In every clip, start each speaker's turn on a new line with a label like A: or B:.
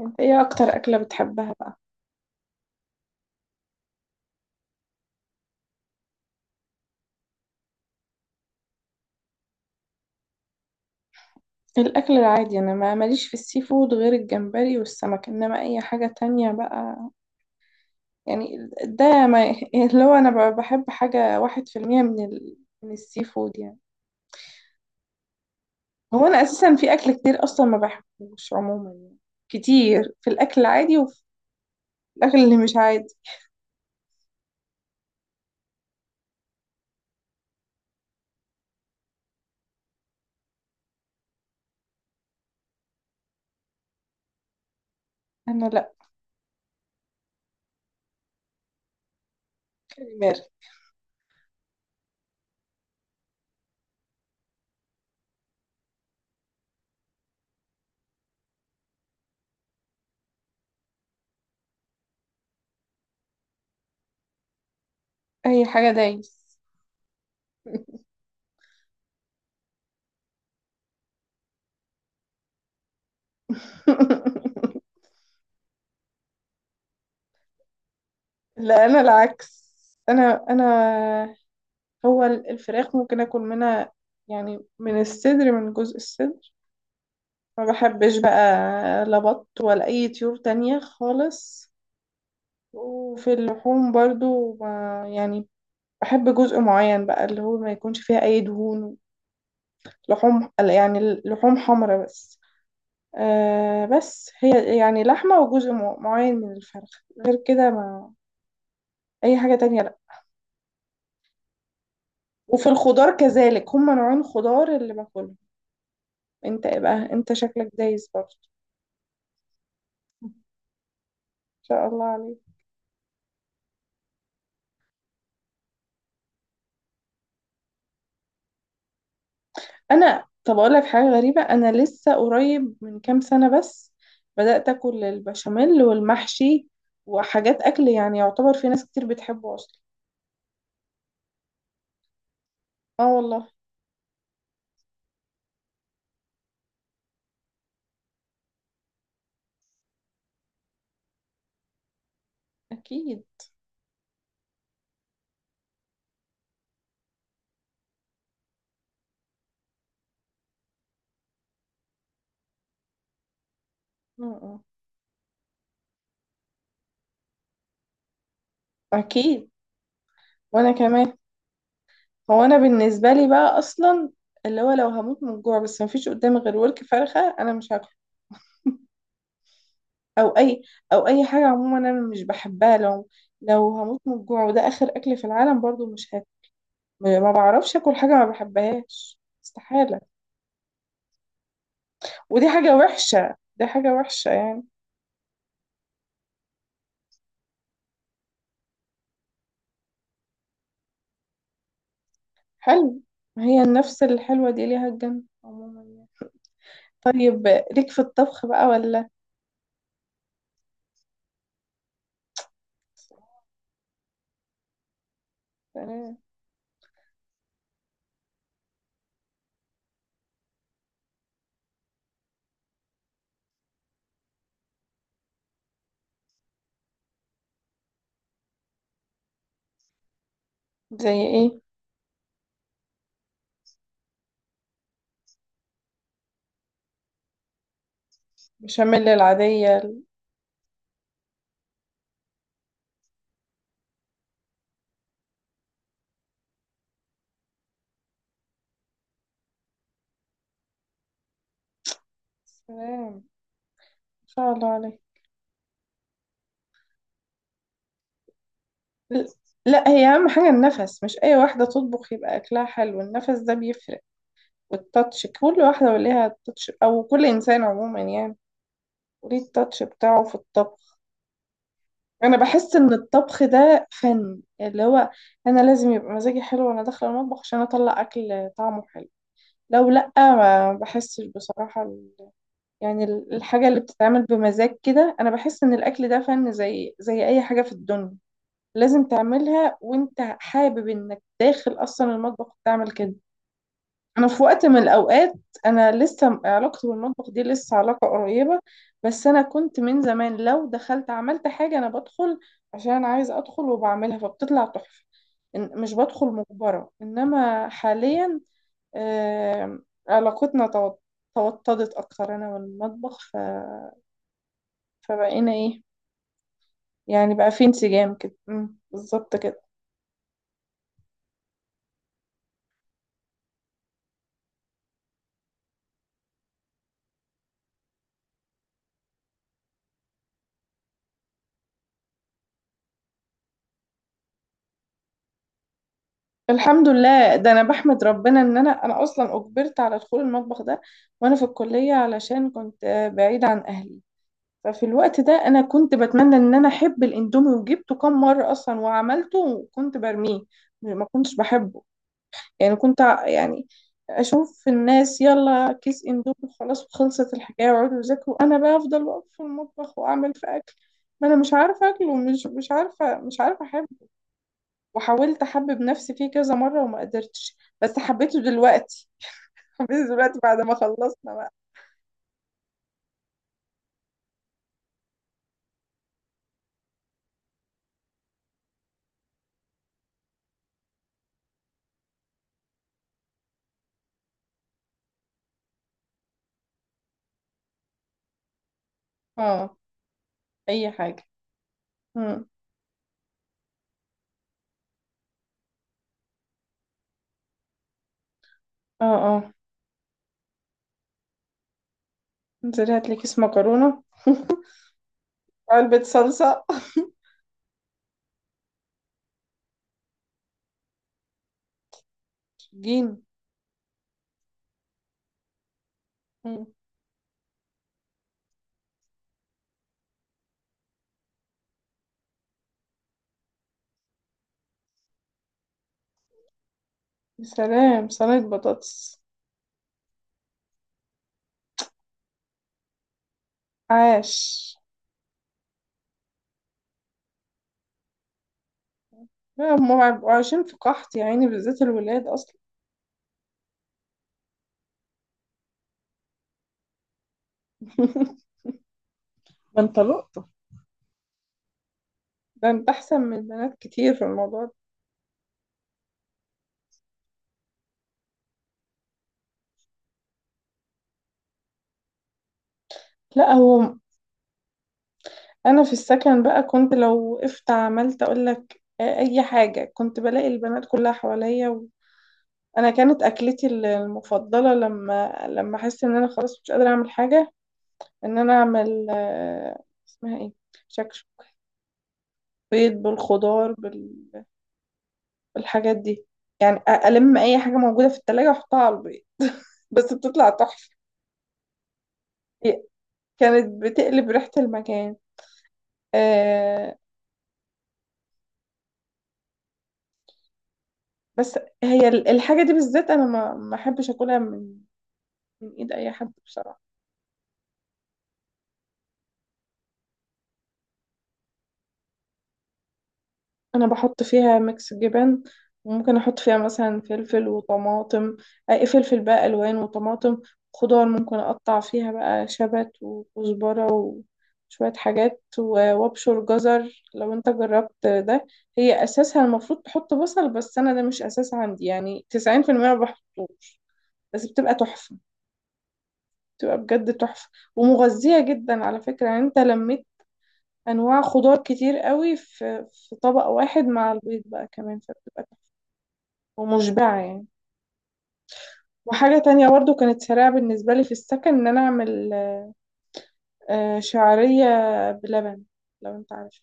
A: انت ايه اكتر اكلة بتحبها بقى؟ الاكل العادي، انا ما ماليش في السي فود غير الجمبري والسمك، انما اي حاجة تانية بقى يعني ده ما يعني اللي هو انا بحب حاجة واحد في المية من من السي فود يعني. هو انا اساسا في اكل كتير اصلا ما بحبوش عموما يعني، كتير في الاكل العادي وفي الاكل اللي مش عادي. انا لا، كلمار. اي حاجة دايس. لا انا العكس. انا هو الفراخ ممكن اكل منها، يعني من الصدر، من جزء الصدر، ما بحبش بقى. لا بط ولا اي طيور تانية خالص. وفي اللحوم برضو يعني بحب جزء معين بقى اللي هو ما يكونش فيها اي دهون، لحوم يعني لحوم حمرا بس. بس هي يعني لحمة وجزء معين من الفرخ، غير كده ما، اي حاجة تانية لا. وفي الخضار كذلك هما نوعين خضار اللي باكلهم. انت إيه بقى؟ انت شكلك دايس برضه. شاء الله عليك. انا طب اقول لك حاجه غريبه، انا لسه قريب من كام سنه بس بدات اكل البشاميل والمحشي وحاجات اكل يعني يعتبر في ناس كتير بتحبه اصلا. اه والله. اكيد. م- م. اكيد. وانا كمان. هو انا بالنسبه لي بقى اصلا اللي هو لو هموت من الجوع بس مفيش قدامي غير ورك فرخه انا مش هاكله. او اي، او اي حاجه عموما انا مش بحبها، لو لو هموت من الجوع وده اخر اكل في العالم برضو مش هاكل. ما بعرفش اكل حاجه ما بحبهاش، استحاله. ودي حاجه وحشه، دي حاجه وحشه يعني. حلو. ما هي النفس الحلوه دي ليها الجنه عموما يعني. طيب ليك في الطبخ بقى ولا؟ سلام. زي ايه؟ بشاميل العاديه. سلام. ان شاء الله عليك. ل- لا، هي اهم حاجه النفس، مش اي واحده تطبخ يبقى اكلها حلو، النفس ده بيفرق، والتاتش، كل واحده وليها التاتش او كل انسان عموما يعني، وليه التاتش بتاعه في الطبخ. انا بحس ان الطبخ ده فن، اللي هو انا لازم يبقى مزاجي حلو وانا داخله المطبخ عشان اطلع اكل طعمه حلو، لو لا ما بحسش بصراحه يعني الحاجه اللي بتتعمل بمزاج كده. انا بحس ان الاكل ده فن، زي اي حاجه في الدنيا لازم تعملها وانت حابب انك داخل اصلا المطبخ وتعمل كده. انا في وقت من الاوقات، انا لسه علاقتي بالمطبخ دي لسه علاقة قريبة، بس انا كنت من زمان لو دخلت عملت حاجة انا بدخل عشان انا عايزة ادخل وبعملها فبتطلع تحفة. مش بدخل مجبرة، انما حاليا علاقتنا توطدت اكتر انا والمطبخ فبقينا ايه؟ يعني بقى في انسجام كده، بالظبط كده. الحمد لله، ده انا بحمد ربنا ان انا اصلا اجبرت على دخول المطبخ ده وانا في الكليه، علشان كنت بعيده عن اهلي. ففي الوقت ده انا كنت بتمنى ان انا احب الاندومي، وجبته كم مره اصلا وعملته وكنت برميه، ما كنتش بحبه. يعني كنت يعني اشوف الناس يلا كيس اندومي خلاص وخلصت الحكايه ويقعدوا يذاكروا، انا بقى افضل واقف في المطبخ واعمل في اكل، ما انا مش عارفه اكل، ومش مش عارفه، مش عارفه. وحاولت احبب نفسي فيه كذا مرة وما قدرتش، بس حبيته دلوقتي. حبيته دلوقتي بعد ما خلصنا بقى. اه. اي حاجة. مم. اه اه. انزلي هاتلي كيس مكرونة. علبة صلصة. جين. مم. يا سلام، صينية بطاطس. عاش. لا، هم بيبقوا عايشين في قحط يا عيني، بالذات الولاد اصلا. ما انت لقطة. ده انت احسن من البنات كتير في الموضوع ده. لا، هو انا في السكن بقى، كنت لو وقفت عملت اقول لك اي حاجه كنت بلاقي البنات كلها حواليا انا كانت اكلتي المفضله لما احس ان انا خلاص مش قادره اعمل حاجه، ان انا اعمل اسمها ايه، شكشك، بيض بالخضار بالحاجات دي، يعني أ- الم اي حاجه موجوده في التلاجة واحطها على البيض. بس بتطلع تحفه، هي كانت بتقلب ريحه المكان. آه، بس هي الحاجه دي بالذات انا ما احبش اكلها من، من ايد اي حد بصراحة. انا بحط فيها ميكس جبن، وممكن احط فيها مثلا فلفل وطماطم، اي فلفل بقى الوان وطماطم، خضار ممكن اقطع فيها بقى شبت وكزبرة وشوية حاجات، وابشر جزر لو انت جربت ده. هي اساسها المفروض تحط بصل، بس انا ده مش اساس عندي، يعني 90% ما بحطوش. بس بتبقى تحفة، بتبقى بجد تحفة، ومغذية جدا على فكرة. يعني انت لما انواع خضار كتير قوي في طبق واحد مع البيض بقى كمان، فبتبقى تحفة ومشبعة يعني. وحاجة تانية برضو كانت سريعة بالنسبة لي في السكن، ان انا اعمل شعرية بلبن، لو انت عارف.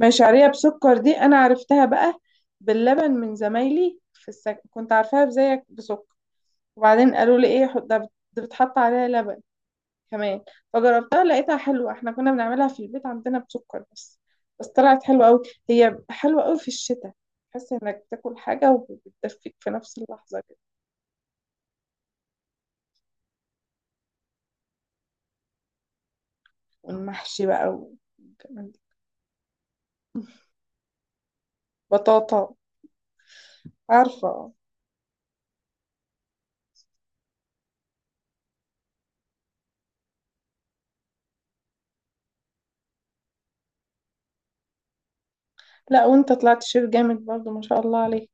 A: ما هي شعرية بسكر دي انا عرفتها بقى باللبن من زمايلي في السكن، كنت عارفاها زيك بسكر، وبعدين قالوا لي ايه، ده بتحط عليها لبن كمان. فجربتها لقيتها حلوة، احنا كنا بنعملها في البيت عندنا بسكر بس، بس طلعت حلوة قوي. هي حلوة قوي في الشتاء، تحس انك بتاكل حاجة وبتدفيك في نفس اللحظة كده. والمحشي بقى وكمان بطاطا، عارفة؟ لا وانت طلعت شيف جامد برضو، ما شاء الله عليك.